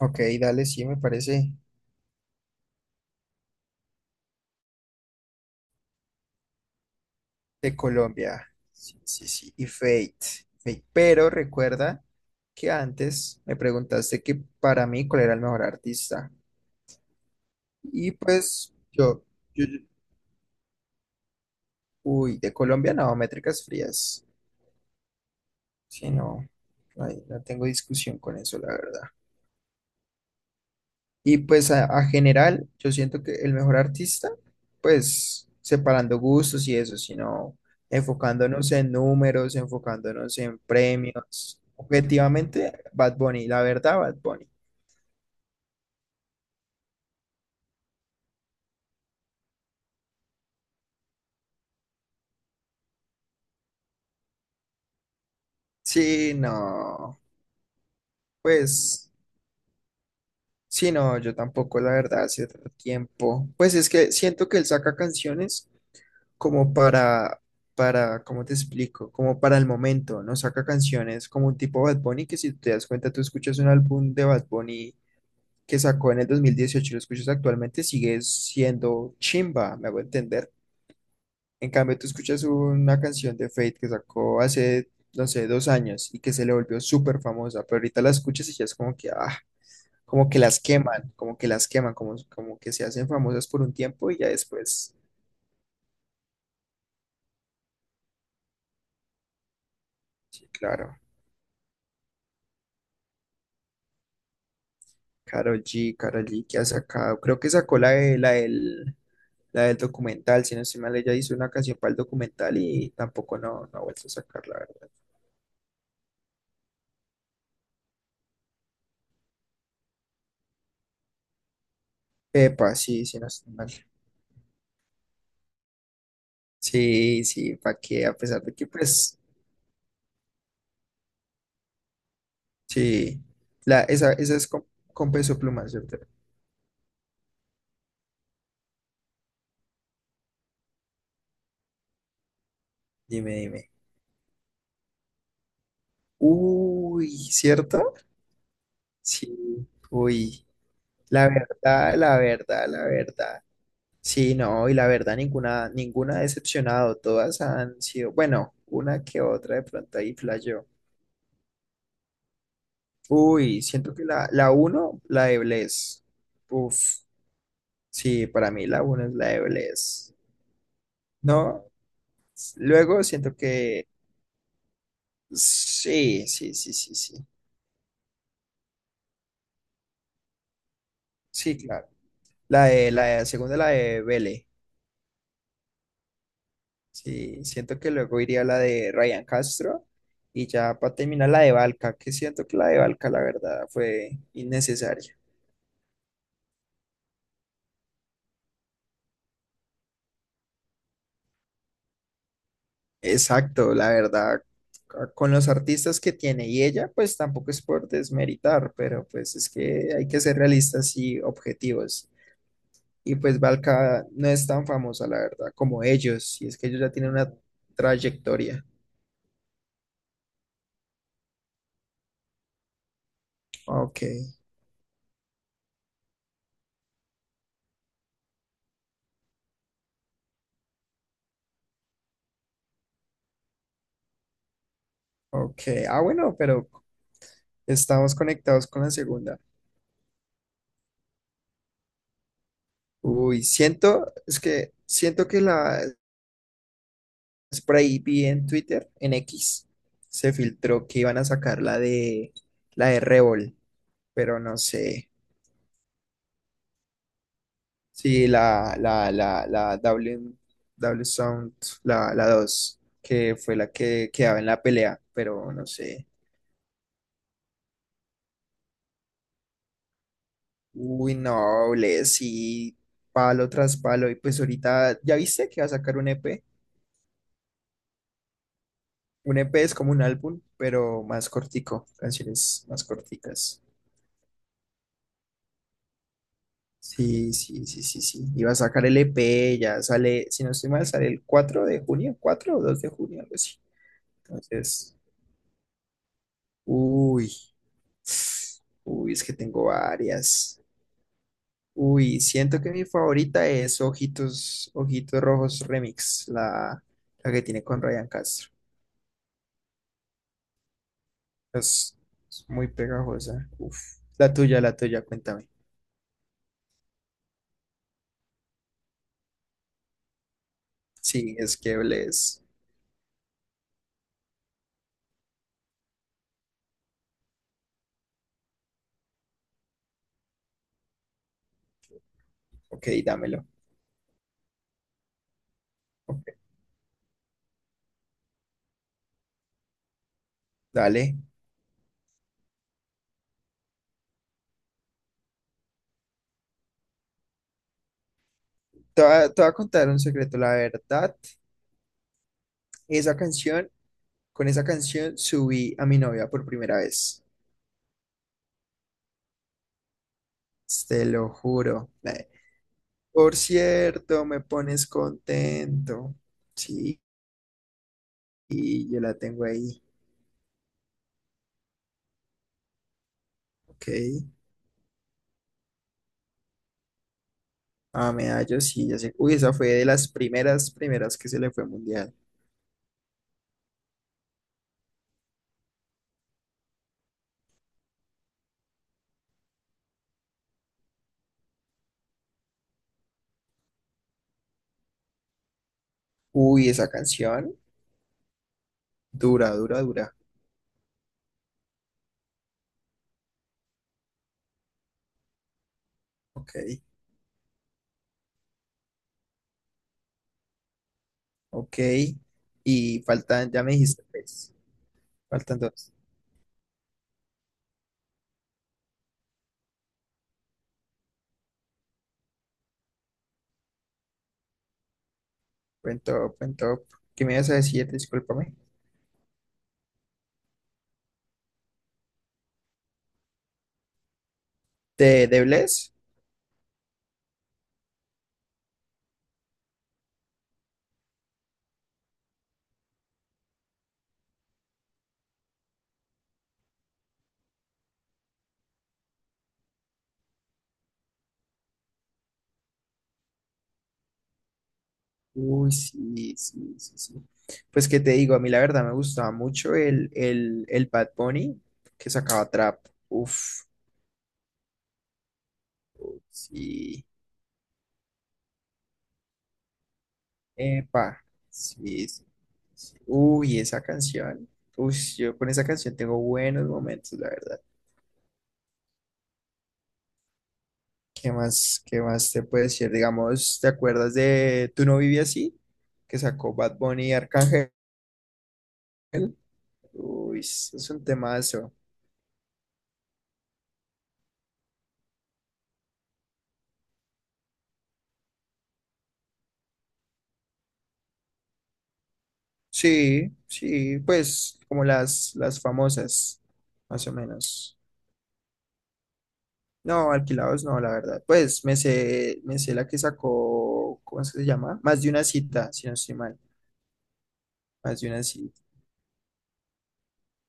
Ok, dale, sí, me parece de Colombia. Sí, sí, sí. Y Fate. Fate. Pero recuerda que antes me preguntaste que para mí cuál era el mejor artista. Y pues yo, yo- yo- uy, de Colombia no, Métricas Frías. Sí, no, no tengo discusión con eso, la verdad. Y pues a general, yo siento que el mejor artista, pues separando gustos y eso, sino enfocándonos en números, enfocándonos en premios. Objetivamente, Bad Bunny, la verdad, Bad Bunny. Sí, no, pues sí, no, yo tampoco, la verdad, hace otro tiempo. Pues es que siento que él saca canciones como para, ¿cómo te explico? Como para el momento, no saca canciones como un tipo Bad Bunny, que si te das cuenta, tú escuchas un álbum de Bad Bunny que sacó en el 2018 y lo escuchas actualmente, sigue siendo chimba, me hago entender. En cambio, tú escuchas una canción de Fate que sacó hace, no sé, dos años y que se le volvió súper famosa, pero ahorita la escuchas y ya es como que, ah, como que las queman, como que las queman, como que se hacen famosas por un tiempo y ya después, sí, claro. Karol G, Karol G que ha sacado, creo que sacó la del documental, si no estoy mal, ella hizo una canción para el documental y tampoco no, no ha vuelto a sacarla. Epa, sí, sí, no estoy mal. Sí, sí, pa' qué, a pesar de que, pues, sí, esa es con peso pluma, ¿cierto? Dime, dime. Uy, ¿cierto? Sí, uy, la verdad, la verdad, la verdad. Sí, no, y la verdad, ninguna, ninguna ha decepcionado, todas han sido, bueno, una que otra de pronto ahí flasheó. Uy, siento que la uno, la de Bless. Uf, sí, para mí la uno es la de Bless. ¿No? Luego siento que sí, sí, sí, sí, sí. Sí, claro. Segunda, la de Vele. Sí, siento que luego iría la de Ryan Castro y ya para terminar la de Valka, que siento que la de Valka, la verdad, fue innecesaria. Exacto, la verdad, c- con los artistas que tiene y ella, pues tampoco es por desmeritar, pero pues es que hay que ser realistas y objetivos. Y pues Valka no es tan famosa, la verdad, como ellos. Y es que ellos ya tienen una trayectoria. Ok, ok. Ah, bueno, pero estamos conectados con la segunda. Uy, siento, es que siento que la Spray vi en Twitter, en X, se filtró que iban a sacar la de Revol, pero no sé. Sí, la W, W Sound, la 2 que fue la que quedaba en la pelea, pero no sé. Uy, no, sí, palo tras palo. Y pues ahorita, ¿ya viste que va a sacar un EP? Un EP es como un álbum, pero más cortico, canciones más corticas. Sí, sí, sí, sí, sí. Y va a sacar el EP, ya sale, si no estoy mal, sale el 4 de junio, 4 o 2 de junio, algo así. Entonces, uy, uy, es que tengo varias. Uy, siento que mi favorita es Ojitos, Ojitos Rojos Remix, la que tiene con Ryan Castro. Es, es muy pegajosa. Uf. La tuya, cuéntame. Sí, es que es. Ok, dámelo. Ok, dale. Te voy a contar un secreto. La verdad, esa canción, con esa canción subí a mi novia por primera vez. Te lo juro. Por cierto, me pones contento. Sí, y yo la tengo ahí. Ok. Ah, medallo, sí, ya sé. Uy, esa fue de las primeras, primeras que se le fue mundial. Uy, esa canción. Dura, dura, dura. Ok, ok. Y faltan, ya me dijiste tres. Faltan dos. Buen top, buen top. ¿Qué me ibas a decir? Discúlpame. De Bless? Uy, sí, sí, sí, sí. Pues que te digo, a mí la verdad me gustaba mucho el Bad Bunny que sacaba trap. Uf, sí. Epa, sí, sí. Sí. Uy, esa canción. Uy, yo con esa canción tengo buenos momentos, la verdad. Qué más te puedo decir? Digamos, ¿te acuerdas de Tú no vivías así? Que sacó Bad Bunny y Arcángel. Uy, es un temazo. Sí, sí, pues como las famosas, más o menos. No, alquilados no, la verdad. Pues me sé la que sacó, ¿cómo es que se llama? Más de una cita, si no estoy mal. Más de una cita.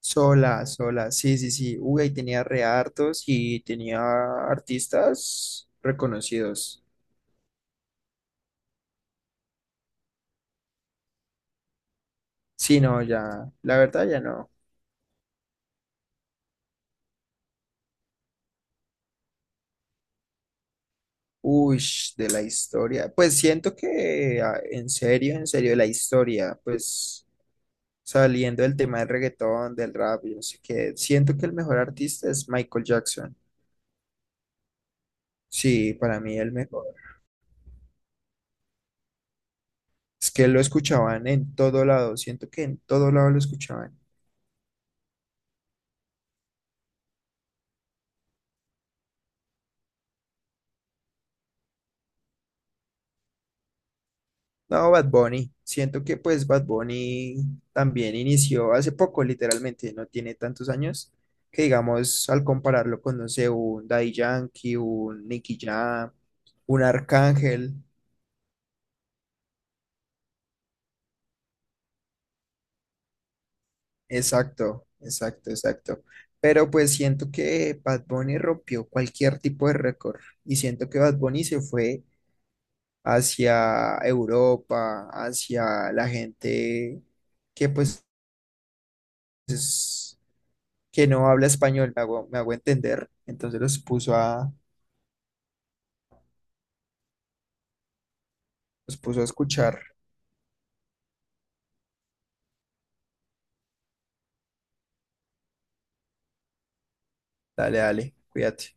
Sola, sola, sí, sí, sí. Uy, ahí tenía re hartos y tenía artistas reconocidos. Sí, no, ya, la verdad ya no. Uy, de la historia. Pues siento que ah, en serio, de la historia, pues saliendo del tema del reggaetón, del rap, yo sé que siento que el mejor artista es Michael Jackson. Sí, para mí el mejor. Es que lo escuchaban en todo lado, siento que en todo lado lo escuchaban. No, Bad Bunny. Siento que pues Bad Bunny también inició hace poco, literalmente, no tiene tantos años, que digamos, al compararlo con, no sé, un Daddy Yankee, un Nicky Jam, un Arcángel. Exacto, exacto, exacto. Pero pues siento que Bad Bunny rompió cualquier tipo de récord y siento que Bad Bunny se fue hacia Europa, hacia la gente que pues es que no habla español, me hago entender. Entonces los puso a escuchar. Dale, dale, cuídate.